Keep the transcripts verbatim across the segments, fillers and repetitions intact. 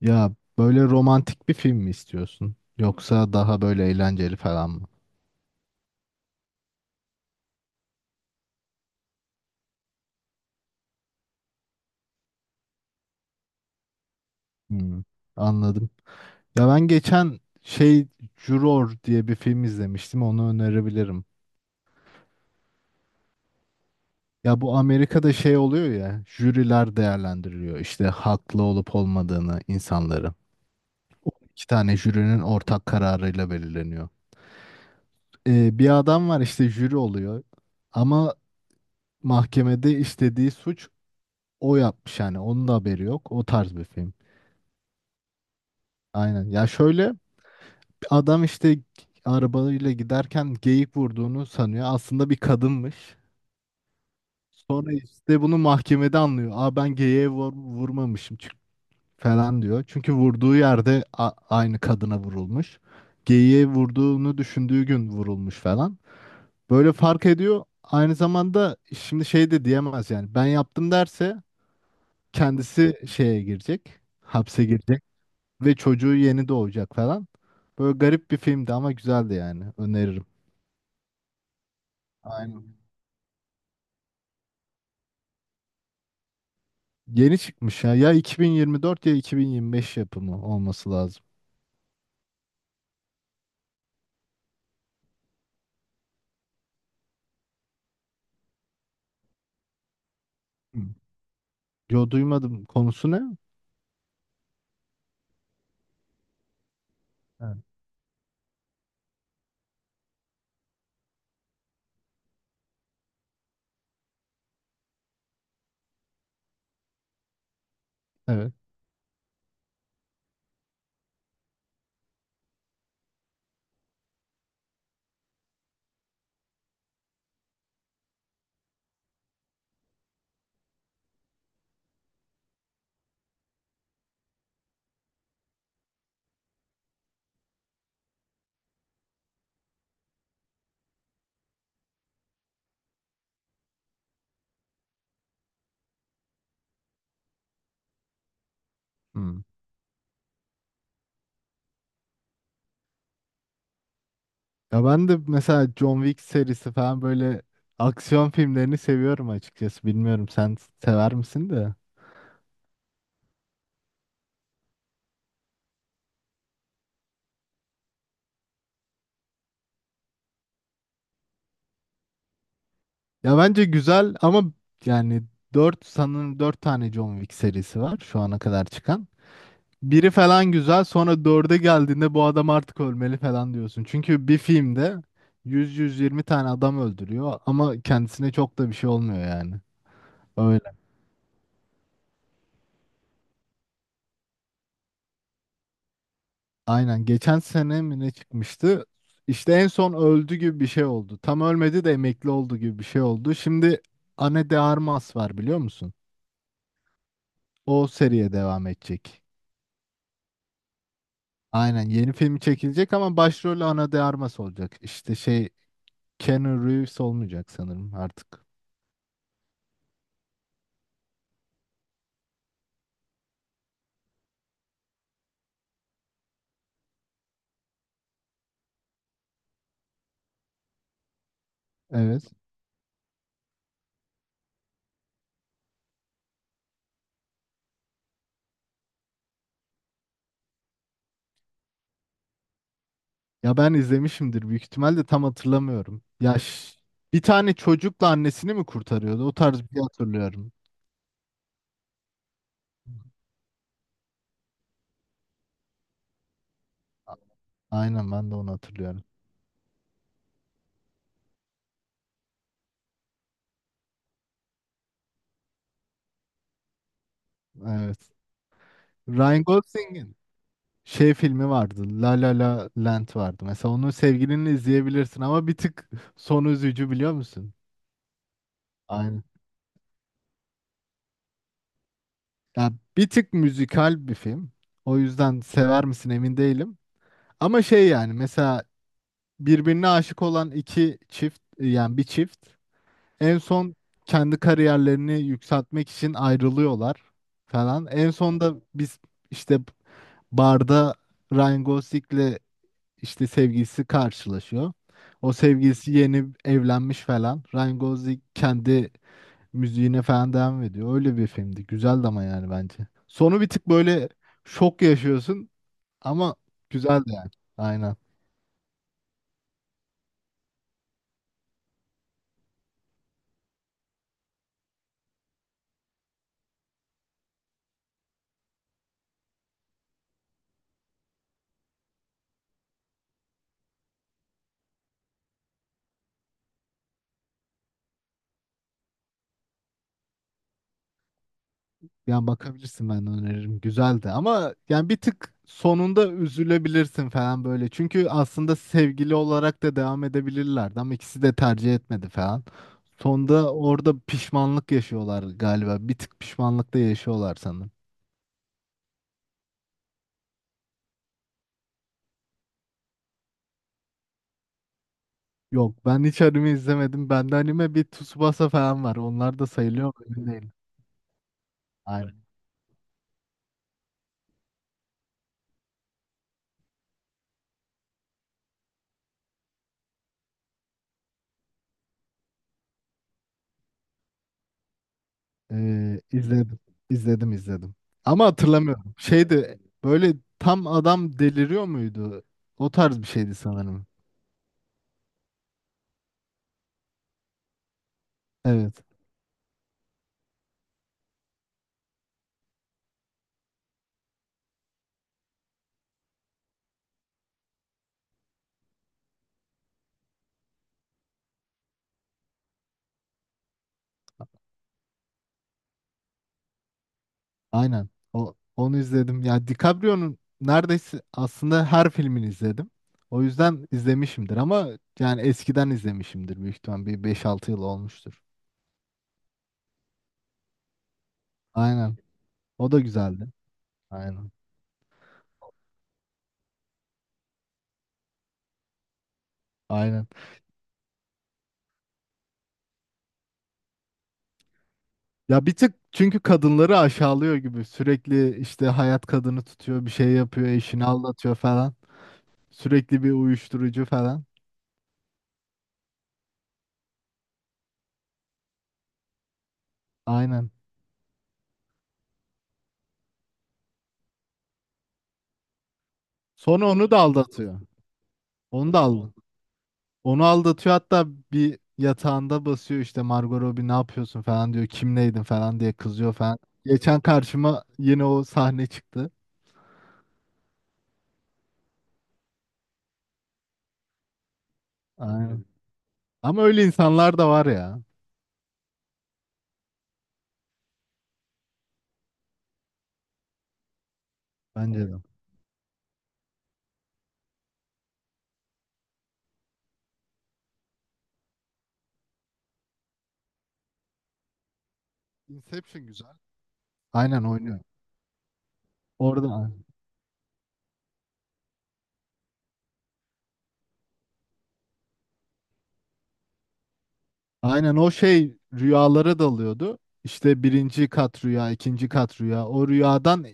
Ya böyle romantik bir film mi istiyorsun? Yoksa daha böyle eğlenceli falan mı? Hmm, anladım. Ya ben geçen şey Juror diye bir film izlemiştim. Onu önerebilirim. Ya bu Amerika'da şey oluyor ya, jüriler değerlendiriyor işte, haklı olup olmadığını insanları. İki tane jürinin ortak kararıyla belirleniyor. Ee, bir adam var işte jüri oluyor. Ama mahkemede istediği suç o yapmış yani. Onun da haberi yok. O tarz bir film. Aynen. Ya şöyle adam işte arabayla giderken geyik vurduğunu sanıyor. Aslında bir kadınmış. Sonra işte bunu mahkemede anlıyor. Aa ben geyiğe vur- vurmamışım çünkü falan diyor. Çünkü vurduğu yerde a- aynı kadına vurulmuş. Geyiğe vurduğunu düşündüğü gün vurulmuş falan. Böyle fark ediyor. Aynı zamanda şimdi şey de diyemez yani. Ben yaptım derse kendisi şeye girecek. Hapse girecek. Ve çocuğu yeni doğacak falan. Böyle garip bir filmdi ama güzeldi yani. Öneririm. Aynen. Yeni çıkmış ya. Ya iki bin yirmi dört ya iki bin yirmi beş yapımı olması lazım. Hı. Yo duymadım. Konusu ne? Evet. Evet. Hmm. Ya ben de mesela John Wick serisi falan böyle aksiyon filmlerini seviyorum açıkçası. Bilmiyorum sen sever misin de. Ya bence güzel ama yani dört sanırım dört tane John Wick serisi var şu ana kadar çıkan. Biri falan güzel sonra dörde geldiğinde bu adam artık ölmeli falan diyorsun. Çünkü bir filmde yüz yüz yirmi tane adam öldürüyor ama kendisine çok da bir şey olmuyor yani. Öyle. Aynen. Geçen sene mi ne çıkmıştı? İşte en son öldü gibi bir şey oldu. Tam ölmedi de emekli oldu gibi bir şey oldu. Şimdi Ana de Armas var biliyor musun? O seriye devam edecek. Aynen yeni filmi çekilecek ama başrolü Ana de Armas olacak. İşte şey Keanu Reeves olmayacak sanırım artık. Evet. Ya ben izlemişimdir büyük ihtimalle tam hatırlamıyorum. Ya ş- bir tane çocukla annesini mi kurtarıyordu? O tarz bir şey hatırlıyorum. Aynen ben de onu hatırlıyorum. Evet. Ryan Gosling'in şey filmi vardı. La La La Land vardı. Mesela onu sevgilinle izleyebilirsin ama bir tık sonu üzücü biliyor musun? Aynen. Ya bir tık müzikal bir film. O yüzden sever misin emin değilim. Ama şey yani mesela birbirine aşık olan iki çift yani bir çift en son kendi kariyerlerini yükseltmek için ayrılıyorlar falan. En son da biz işte barda Ryan Gosling'le işte sevgilisi karşılaşıyor. O sevgilisi yeni evlenmiş falan. Ryan Gosling kendi müziğine falan devam ediyor. Öyle bir filmdi. Güzeldi ama yani bence. Sonu bir tık böyle şok yaşıyorsun ama güzeldi yani. Aynen. Yani bakabilirsin ben öneririm. Güzeldi ama yani bir tık sonunda üzülebilirsin falan böyle. Çünkü aslında sevgili olarak da devam edebilirlerdi ama ikisi de tercih etmedi falan. Sonda orada pişmanlık yaşıyorlar galiba. Bir tık pişmanlıkta yaşıyorlar sanırım. Yok ben hiç anime izlemedim. Bende anime bir Tsubasa falan var. Onlar da sayılıyor mu emin değilim. Aynen. Ee, izledim. İzledim izledim. Ama hatırlamıyorum. Şeydi böyle tam adam deliriyor muydu? O tarz bir şeydi sanırım. Evet. Aynen. O, onu izledim. Ya DiCaprio'nun neredeyse aslında her filmini izledim. O yüzden izlemişimdir ama yani eskiden izlemişimdir büyük ihtimal bir beş altı yıl olmuştur. Aynen. O da güzeldi. Aynen. Aynen. Ya bir tık çünkü kadınları aşağılıyor gibi sürekli işte hayat kadını tutuyor bir şey yapıyor eşini aldatıyor falan. Sürekli bir uyuşturucu falan. Aynen. Sonra onu da aldatıyor. Onu da aldı. Onu aldatıyor hatta bir yatağında basıyor işte Margot Robbie ne yapıyorsun falan diyor. Kimleydin falan diye kızıyor falan. Geçen karşıma yine o sahne çıktı. Aynen. Ama öyle insanlar da var ya. Bence de. Inception güzel. Aynen oynuyor. Orada aynen o şey rüyalara dalıyordu. İşte birinci kat rüya, ikinci kat rüya. O rüyadan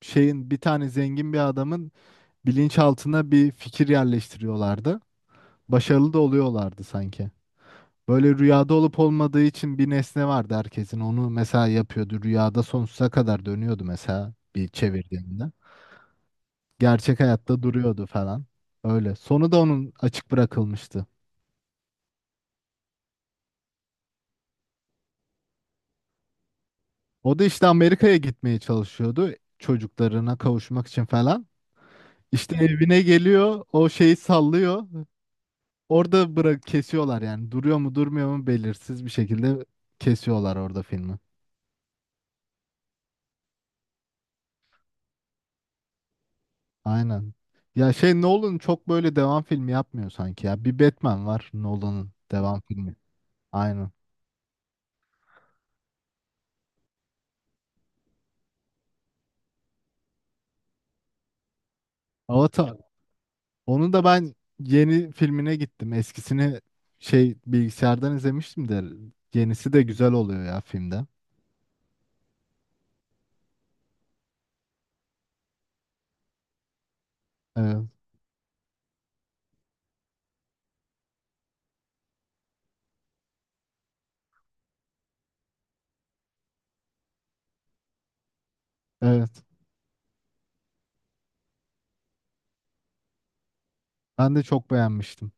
şeyin bir tane zengin bir adamın bilinçaltına bir fikir yerleştiriyorlardı. Başarılı da oluyorlardı sanki. Böyle rüyada olup olmadığı için bir nesne vardı herkesin. Onu mesela yapıyordu. Rüyada sonsuza kadar dönüyordu mesela bir çevirdiğinde. Gerçek hayatta duruyordu falan. Öyle. Sonu da onun açık bırakılmıştı. O da işte Amerika'ya gitmeye çalışıyordu çocuklarına kavuşmak için falan. İşte evine geliyor, o şeyi sallıyor. Orada bırak kesiyorlar yani. Duruyor mu, durmuyor mu belirsiz bir şekilde kesiyorlar orada filmi. Aynen. Ya şey Nolan çok böyle devam filmi yapmıyor sanki ya. Bir Batman var Nolan'ın devam filmi. Aynen. Avatar. Onu da ben yeni filmine gittim. Eskisini şey bilgisayardan izlemiştim de yenisi de güzel oluyor ya filmde. Evet. Evet. Ben de çok beğenmiştim.